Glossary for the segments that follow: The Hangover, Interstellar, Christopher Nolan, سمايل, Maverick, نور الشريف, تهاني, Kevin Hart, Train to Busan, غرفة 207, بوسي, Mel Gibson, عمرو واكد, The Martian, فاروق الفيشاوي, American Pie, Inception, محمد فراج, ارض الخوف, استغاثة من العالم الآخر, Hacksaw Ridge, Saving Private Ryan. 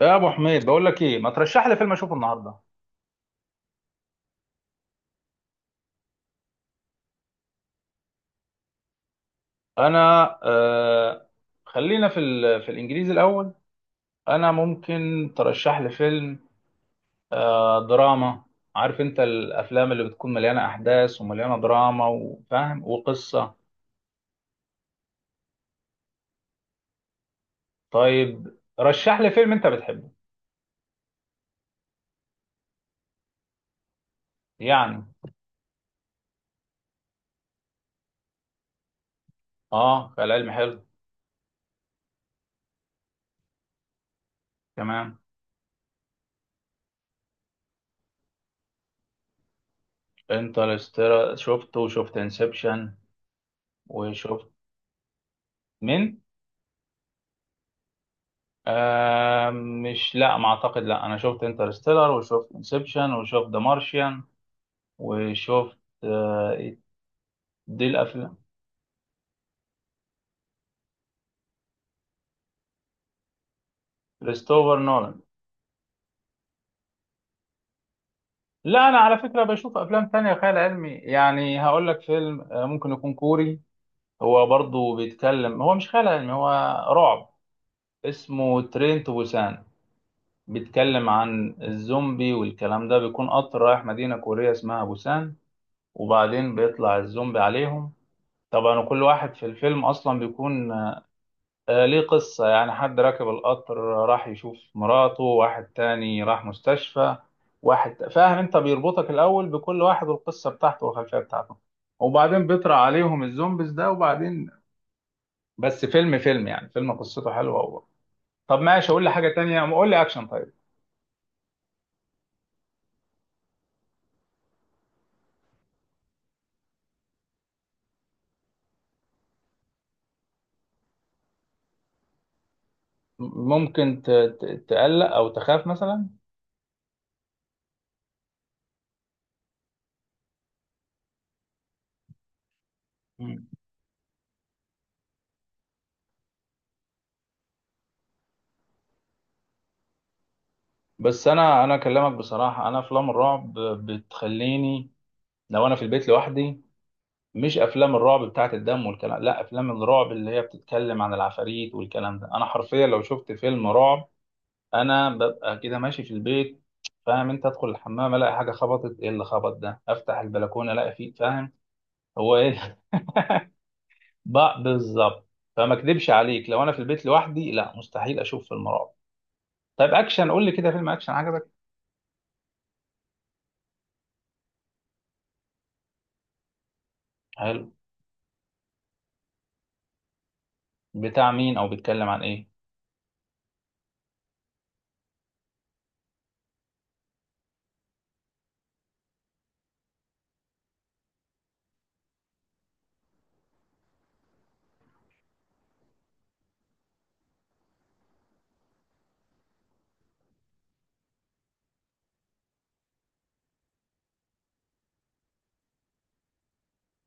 يا ابو حميد بقول لك ايه ما ترشح لي فيلم اشوفه النهارده. انا خلينا في في الانجليزي الاول. انا ممكن ترشح لي فيلم دراما. عارف انت الافلام اللي بتكون مليانه احداث ومليانه دراما وفاهم وقصه. طيب رشح لي فيلم انت بتحبه يعني. اه، خيال علمي حلو. تمام. انترستيلر شفته وشفت انسبشن وشفت. مين؟ آه، مش، لا ما اعتقد، لا انا شفت انترستيلر وشفت انسبشن وشفت ذا مارشيان وشفت. آه دي الافلام. كريستوفر نولان. لا انا على فكره بشوف افلام تانية خيال علمي، يعني هقول لك فيلم ممكن يكون كوري. هو برضو بيتكلم، هو مش خيال علمي، هو رعب. اسمه ترين تو بوسان، بيتكلم عن الزومبي والكلام ده، بيكون قطر رايح مدينه كوريه اسمها بوسان وبعدين بيطلع الزومبي عليهم. طبعا وكل واحد في الفيلم اصلا بيكون ليه قصة، يعني حد راكب القطر راح يشوف مراته، واحد تاني راح مستشفى، واحد، فاهم انت، بيربطك الأول بكل واحد والقصة بتاعته والخلفية بتاعته وبعدين بيطرح عليهم الزومبيز ده وبعدين. بس فيلم فيلم يعني، فيلم قصته حلوة هو. طب ماشي قول لي حاجة تانية، قول لي أكشن. طيب ممكن تقلق أو تخاف مثلا. مم. بس أنا أكلمك بصراحة، أنا أفلام الرعب بتخليني، لو أنا في البيت لوحدي. مش افلام الرعب بتاعت الدم والكلام، لا افلام الرعب اللي هي بتتكلم عن العفاريت والكلام ده، انا حرفيا لو شفت فيلم رعب انا ببقى كده ماشي في البيت، فاهم انت، ادخل الحمام الاقي حاجه خبطت، ايه اللي خبط ده، افتح البلكونه الاقي فيه، فاهم. هو ايه بقى بالظبط. فما اكدبش عليك، لو انا في البيت لوحدي لا مستحيل اشوف فيلم رعب. طيب اكشن قول لي كده فيلم اكشن عجبك. حلو. بتاع مين او بيتكلم عن ايه؟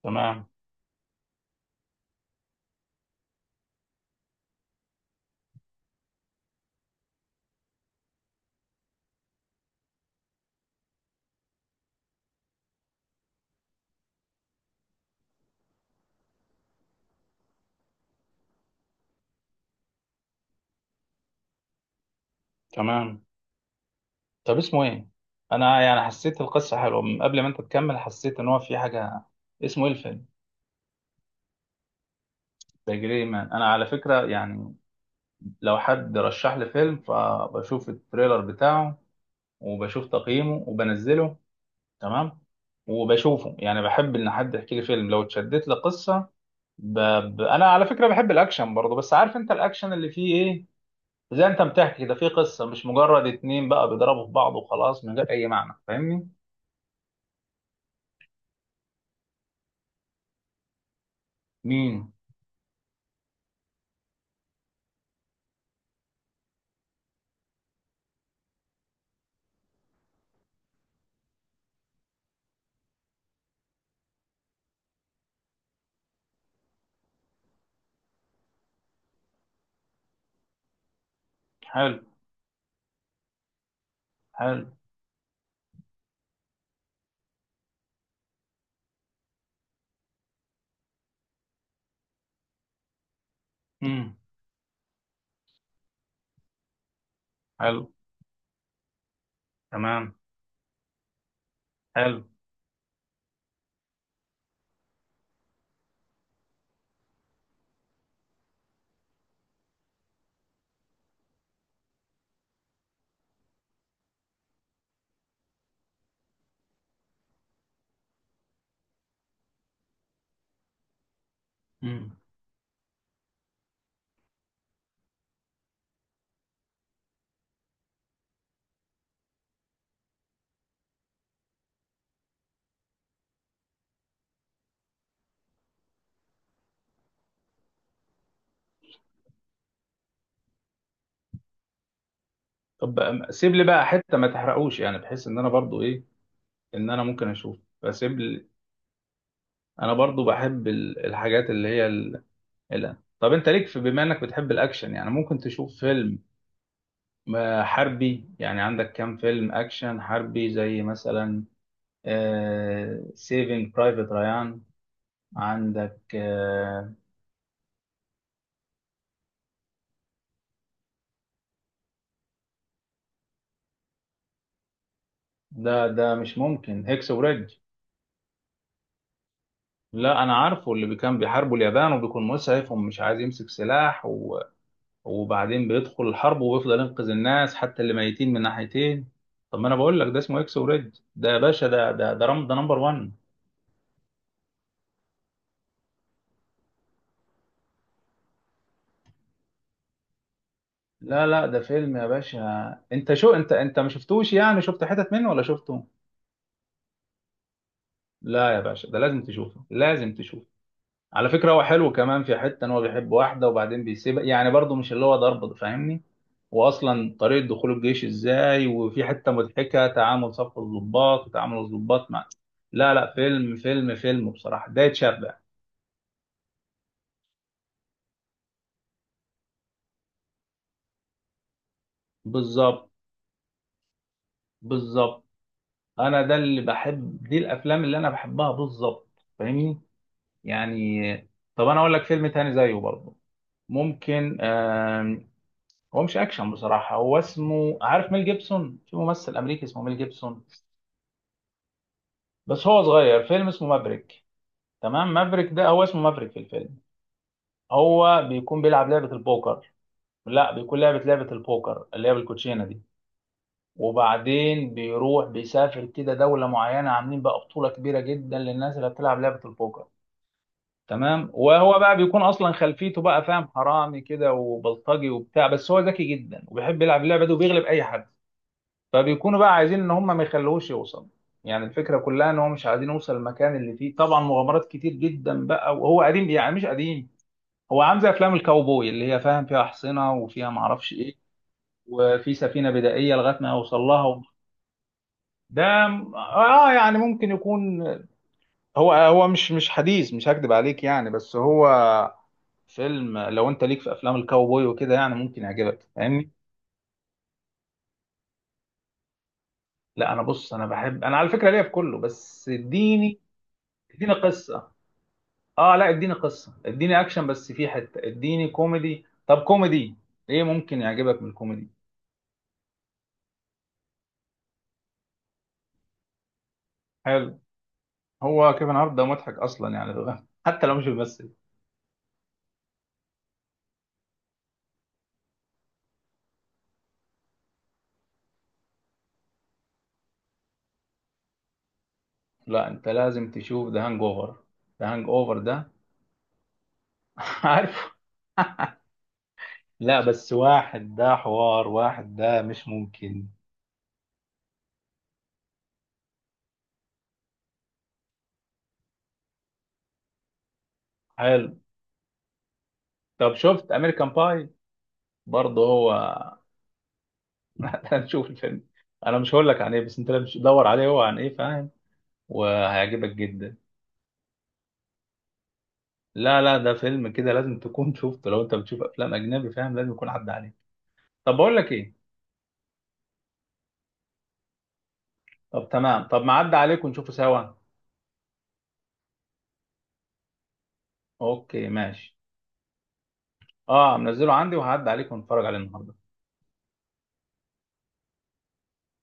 تمام. تمام. طب اسمه ايه؟ انا يعني حسيت القصه حلوه من قبل ما انت تكمل، حسيت ان هو في حاجه. اسمه ايه الفيلم؟ ذا جري مان. انا على فكره يعني لو حد رشح لي فيلم فبشوف التريلر بتاعه وبشوف تقييمه وبنزله. تمام. وبشوفه يعني، بحب ان حد يحكي لي فيلم، لو اتشدت لقصه ب... انا على فكره بحب الاكشن برضه، بس عارف انت الاكشن اللي فيه ايه، زي انت بتحكي ده، فيه قصه، مش مجرد اتنين بقى بيضربوا في بعض وخلاص من غير اي معنى، فاهمني. مين؟ حلو. حلو. مم. حلو. تمام. حلو. مم. طب سيب لي بقى حته ما تحرقوش، يعني بحيث ان انا برضو ايه، ان انا ممكن اشوف، فسيب لي. انا برضو بحب الحاجات اللي هي طب انت ليك في، بما انك بتحب الاكشن، يعني ممكن تشوف فيلم حربي يعني، عندك كام فيلم اكشن حربي زي مثلا سيفينج برايفت ريان. عندك ده ده مش ممكن هيكس وريدج. لا انا عارفه، اللي كان بيحاربوا اليابان وبيكون مسعف ومش عايز يمسك سلاح، وبعدين بيدخل الحرب ويفضل ينقذ الناس حتى اللي ميتين من ناحيتين. طب ما انا بقول لك ده اسمه اكس وريد، ده يا باشا ده رم، ده نمبر 1. لا لا ده فيلم يا باشا. انت شو انت انت ما شفتوش يعني، شفت حتت منه ولا شفته؟ لا يا باشا ده لازم تشوفه، لازم تشوفه. على فكرة هو حلو كمان في حتة ان هو بيحب واحدة وبعدين بيسيبها، يعني برضه مش اللي هو ضرب، فاهمني. واصلا طريقة دخول الجيش ازاي، وفي حتة مضحكة تعامل صف الضباط وتعامل الضباط مع. لا لا فيلم فيلم فيلم بصراحة ده يتشبع. بالظبط. بالظبط. انا ده اللي بحب، دي الافلام اللي انا بحبها بالظبط، فاهمني، يعني. طب انا اقول لك فيلم تاني زيه برضه، ممكن. هو مش اكشن بصراحة، هو اسمه، عارف ميل جيبسون، في ممثل امريكي اسمه ميل جيبسون، بس هو صغير، فيلم اسمه مافريك. تمام، مافريك ده هو اسمه مافريك في الفيلم. هو بيكون بيلعب لعبة البوكر. لا بيكون لعبة البوكر اللي هي بالكوتشينة دي، وبعدين بيروح بيسافر كده دولة معينة عاملين بقى بطولة كبيرة جدا للناس اللي بتلعب لعبة البوكر. تمام. وهو بقى بيكون اصلا خلفيته بقى، فاهم، حرامي كده وبلطجي وبتاع، بس هو ذكي جدا وبيحب يلعب اللعبة دي وبيغلب اي حد. فبيكونوا بقى عايزين ان هم ما يخلوهوش يوصل. يعني الفكره كلها ان هو مش عايزين يوصل المكان اللي فيه، طبعا مغامرات كتير جدا بقى. وهو قديم يعني، مش قديم، هو عامل زي افلام الكاوبوي اللي هي، فاهم، فيها احصنه وفيها ما اعرفش ايه، وفي سفينه بدائيه لغايه ما يوصل لها. ده اه يعني ممكن يكون، هو مش حديث، مش هكدب عليك يعني، بس هو فيلم لو انت ليك في افلام الكاوبوي وكده يعني ممكن يعجبك، فاهمني. لا انا، بص انا بحب، انا على فكره ليا في كله، بس اديني، اديني قصه. اه لا اديني قصه، اديني اكشن، بس في حته اديني كوميدي. طب كوميدي ايه ممكن يعجبك من الكوميدي؟ حلو. هو كيفن هارت ده مضحك اصلا يعني ده. حتى لو مش بيمثل. لا انت لازم تشوف ذا هانج اوفر، ذا هانج اوفر ده. عارف. لا بس واحد ده حوار، واحد ده مش ممكن. حلو. طب شفت امريكان باي؟ برضه هو. هنشوف الفيلم. انا مش هقول لك عن ايه، بس انت لازم تدور عليه هو عن ايه، فاهم، وهيعجبك جدا. لا لا ده فيلم كده لازم تكون شفته، لو انت بتشوف افلام اجنبي، فاهم، لازم يكون عدى عليك. طب بقول لك ايه. طب تمام، طب ما عدى عليك ونشوفه سوا. اوكي ماشي. اه منزله عندي وهعدي عليك ونتفرج عليه النهارده.